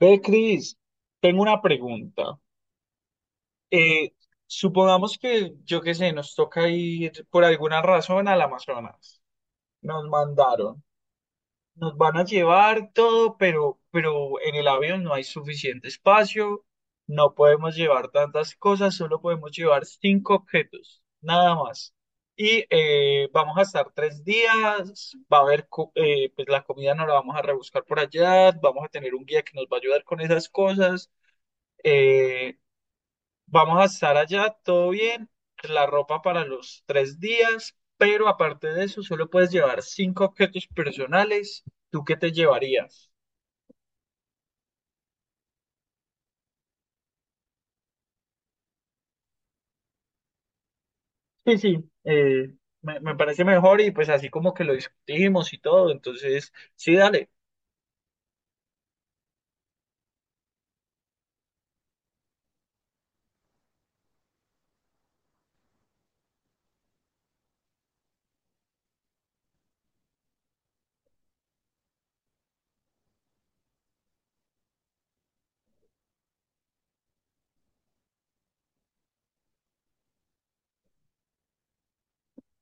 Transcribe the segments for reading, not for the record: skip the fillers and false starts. Ve, Cris, tengo una pregunta. Eh, Supongamos que, yo qué sé, nos toca ir por alguna razón al Amazonas. Nos mandaron. Nos van a llevar todo, pero en el avión no hay suficiente espacio. No podemos llevar tantas cosas, solo podemos llevar cinco objetos, nada más. Y vamos a estar 3 días, va a haber, pues la comida no la vamos a rebuscar por allá, vamos a tener un guía que nos va a ayudar con esas cosas, eh, vamos a estar allá, todo bien, la ropa para los 3 días, pero aparte de eso, solo puedes llevar cinco objetos personales. ¿Tú qué te llevarías? Sí, sí, me parece mejor y pues así como que lo discutimos y todo, entonces sí, dale.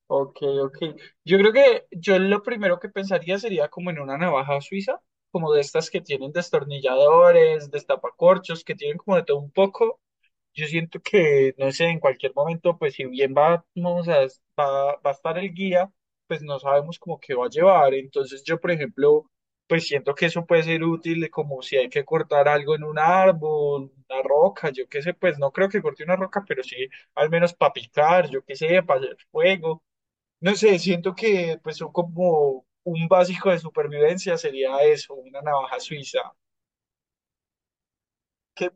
Ok, ok. Yo creo que yo lo primero que pensaría sería como en una navaja suiza, como de estas que tienen destornilladores, destapacorchos, que tienen como de todo un poco. Yo siento que, no sé, en cualquier momento, pues si bien va a estar el guía, pues no sabemos como qué va a llevar. Entonces yo, por ejemplo, pues siento que eso puede ser útil, como si hay que cortar algo en un árbol, una roca, yo qué sé, pues no creo que corte una roca, pero sí al menos para picar, yo qué sé, para hacer fuego. No sé, siento que pues son como un básico de supervivencia sería eso, una navaja suiza. Que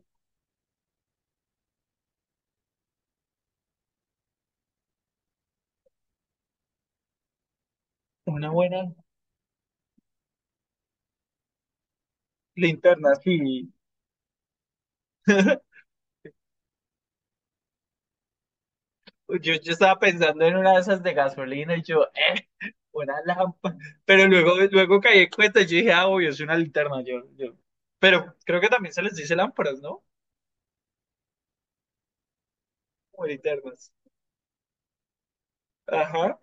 una buena linterna, sí. Yo estaba pensando en una de esas de gasolina y yo, una lámpara. Pero luego, luego caí en cuenta y yo dije, ah, obvio, es una linterna. Yo. Pero creo que también se les dice lámparas, ¿no? Como linternas. Ajá.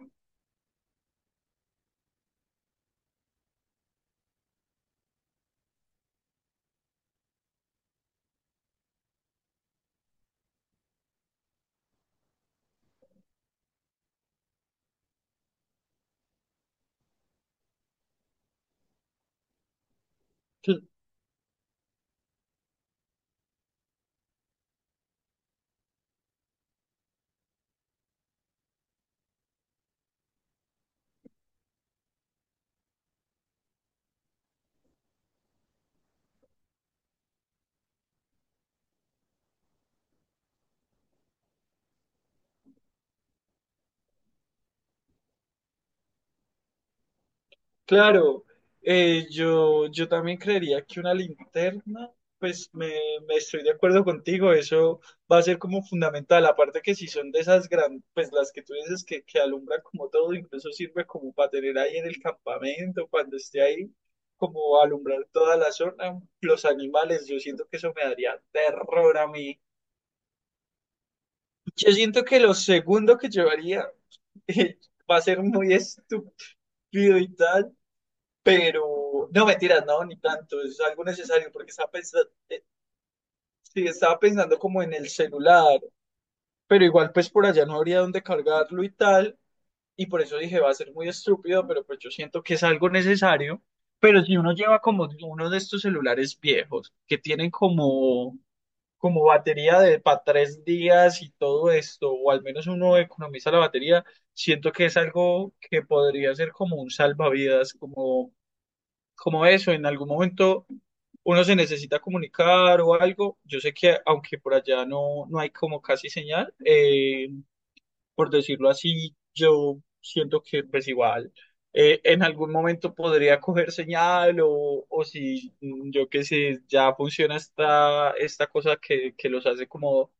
Claro, yo también creería que una linterna, pues me estoy de acuerdo contigo, eso va a ser como fundamental, aparte que si son de esas grandes, pues las que tú dices que alumbran como todo, incluso sirve como para tener ahí en el campamento, cuando esté ahí, como alumbrar toda la zona, los animales, yo siento que eso me daría terror a mí. Yo siento que lo segundo que llevaría, eh, va a ser muy estúpido y tal. Pero, no, mentiras, no, ni tanto, es algo necesario porque estaba pensando, sí, estaba pensando como en el celular, pero igual pues por allá no habría dónde cargarlo y tal, y por eso dije va a ser muy estúpido, pero pues yo siento que es algo necesario, pero si uno lleva como uno de estos celulares viejos que tienen como, batería de para 3 días y todo esto, o al menos uno economiza la batería, siento que es algo que podría ser como un salvavidas, como eso, en algún momento uno se necesita comunicar o algo, yo sé que aunque por allá no, no hay como casi señal, por decirlo así, yo siento que pues igual, en algún momento podría coger señal o si yo qué sé, ya funciona esta cosa que los hace como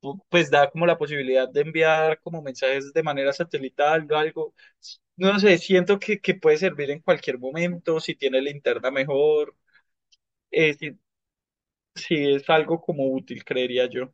pues da como la posibilidad de enviar como mensajes de manera satelital o algo. No sé, siento que puede servir en cualquier momento, si tiene linterna mejor, eh, si, si es algo como útil, creería yo.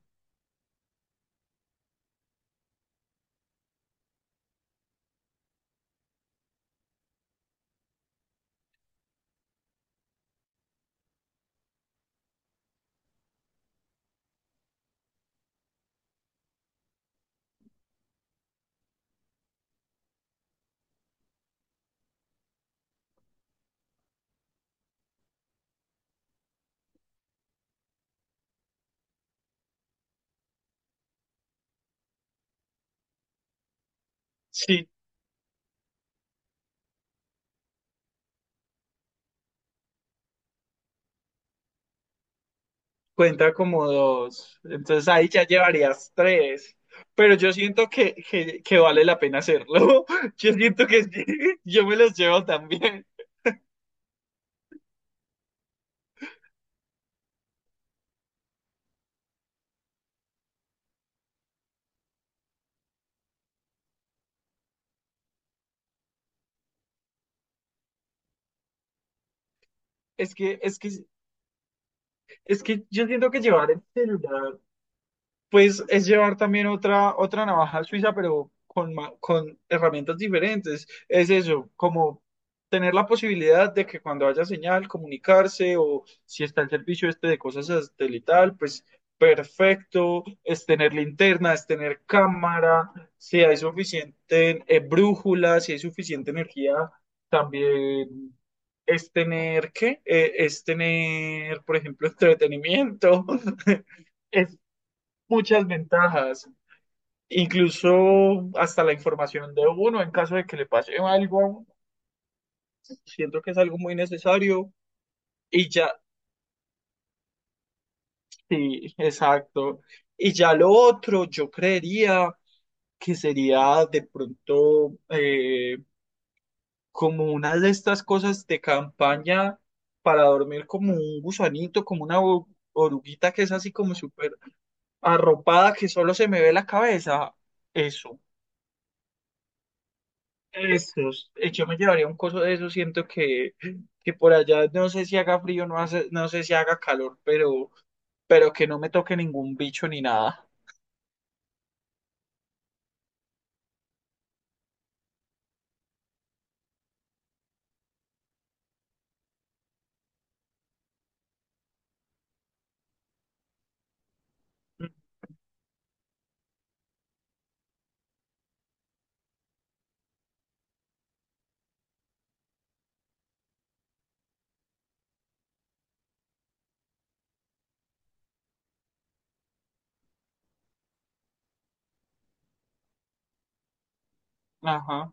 Sí, cuenta como dos, entonces ahí ya llevarías tres, pero yo siento que vale la pena hacerlo. Yo siento que sí, yo me los llevo también. Es que, es que, es que yo siento que llevar el celular pues es llevar también otra navaja suiza, pero con herramientas diferentes. Es eso, como tener la posibilidad de que cuando haya señal, comunicarse o si está el servicio este de cosas satelital, pues perfecto, es tener linterna, es tener cámara, si hay suficiente, brújula, si hay suficiente energía, también es tener, ¿qué? Es tener, por ejemplo, entretenimiento. Es muchas ventajas, incluso hasta la información de uno en caso de que le pase algo, siento que es algo muy necesario y ya, sí, exacto. Y ya lo otro, yo creería que sería de pronto, como una de estas cosas de campaña para dormir como un gusanito, como una oruguita que es así como súper arropada que solo se me ve la cabeza. Eso. Estos, yo me llevaría un coso de eso, siento que, por allá no sé si haga frío, no, hace, no sé si haga calor, pero, que no me toque ningún bicho ni nada. Mm, ajá,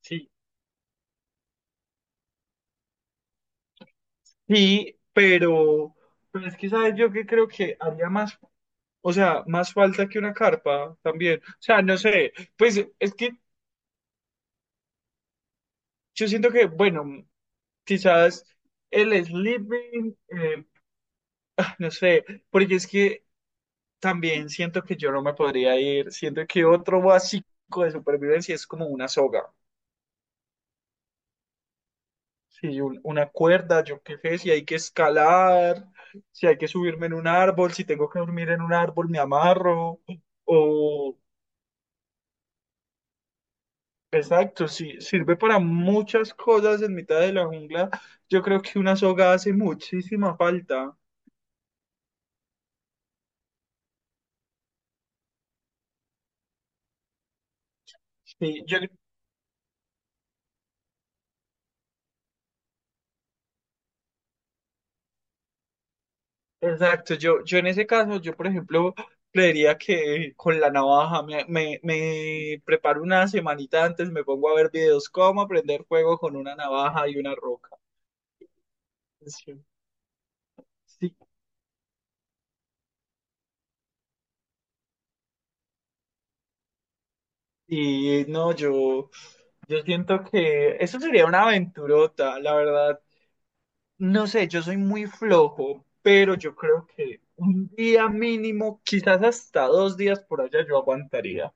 sí. Sí, pero es que sabes yo que creo que haría más, o sea, más falta que una carpa también. O sea, no sé, pues es que yo siento que, bueno, quizás el sleeping, ah, no sé, porque es que también siento que yo no me podría ir. Siento que otro básico de supervivencia es como una soga. Si una cuerda, yo qué sé, si hay que escalar, si hay que subirme en un árbol, si tengo que dormir en un árbol, me amarro. O, exacto, si sirve para muchas cosas en mitad de la jungla. Yo creo que una soga hace muchísima falta. Sí, yo exacto, yo en ese caso, yo por ejemplo, creería que con la navaja me preparo una semanita antes, me pongo a ver videos cómo aprender fuego con una navaja y una roca. Sí, sí. Y no, yo siento que eso sería una aventurota, la verdad. No sé, yo soy muy flojo, pero yo creo que un día mínimo, quizás hasta 2 días por allá, yo aguantaría.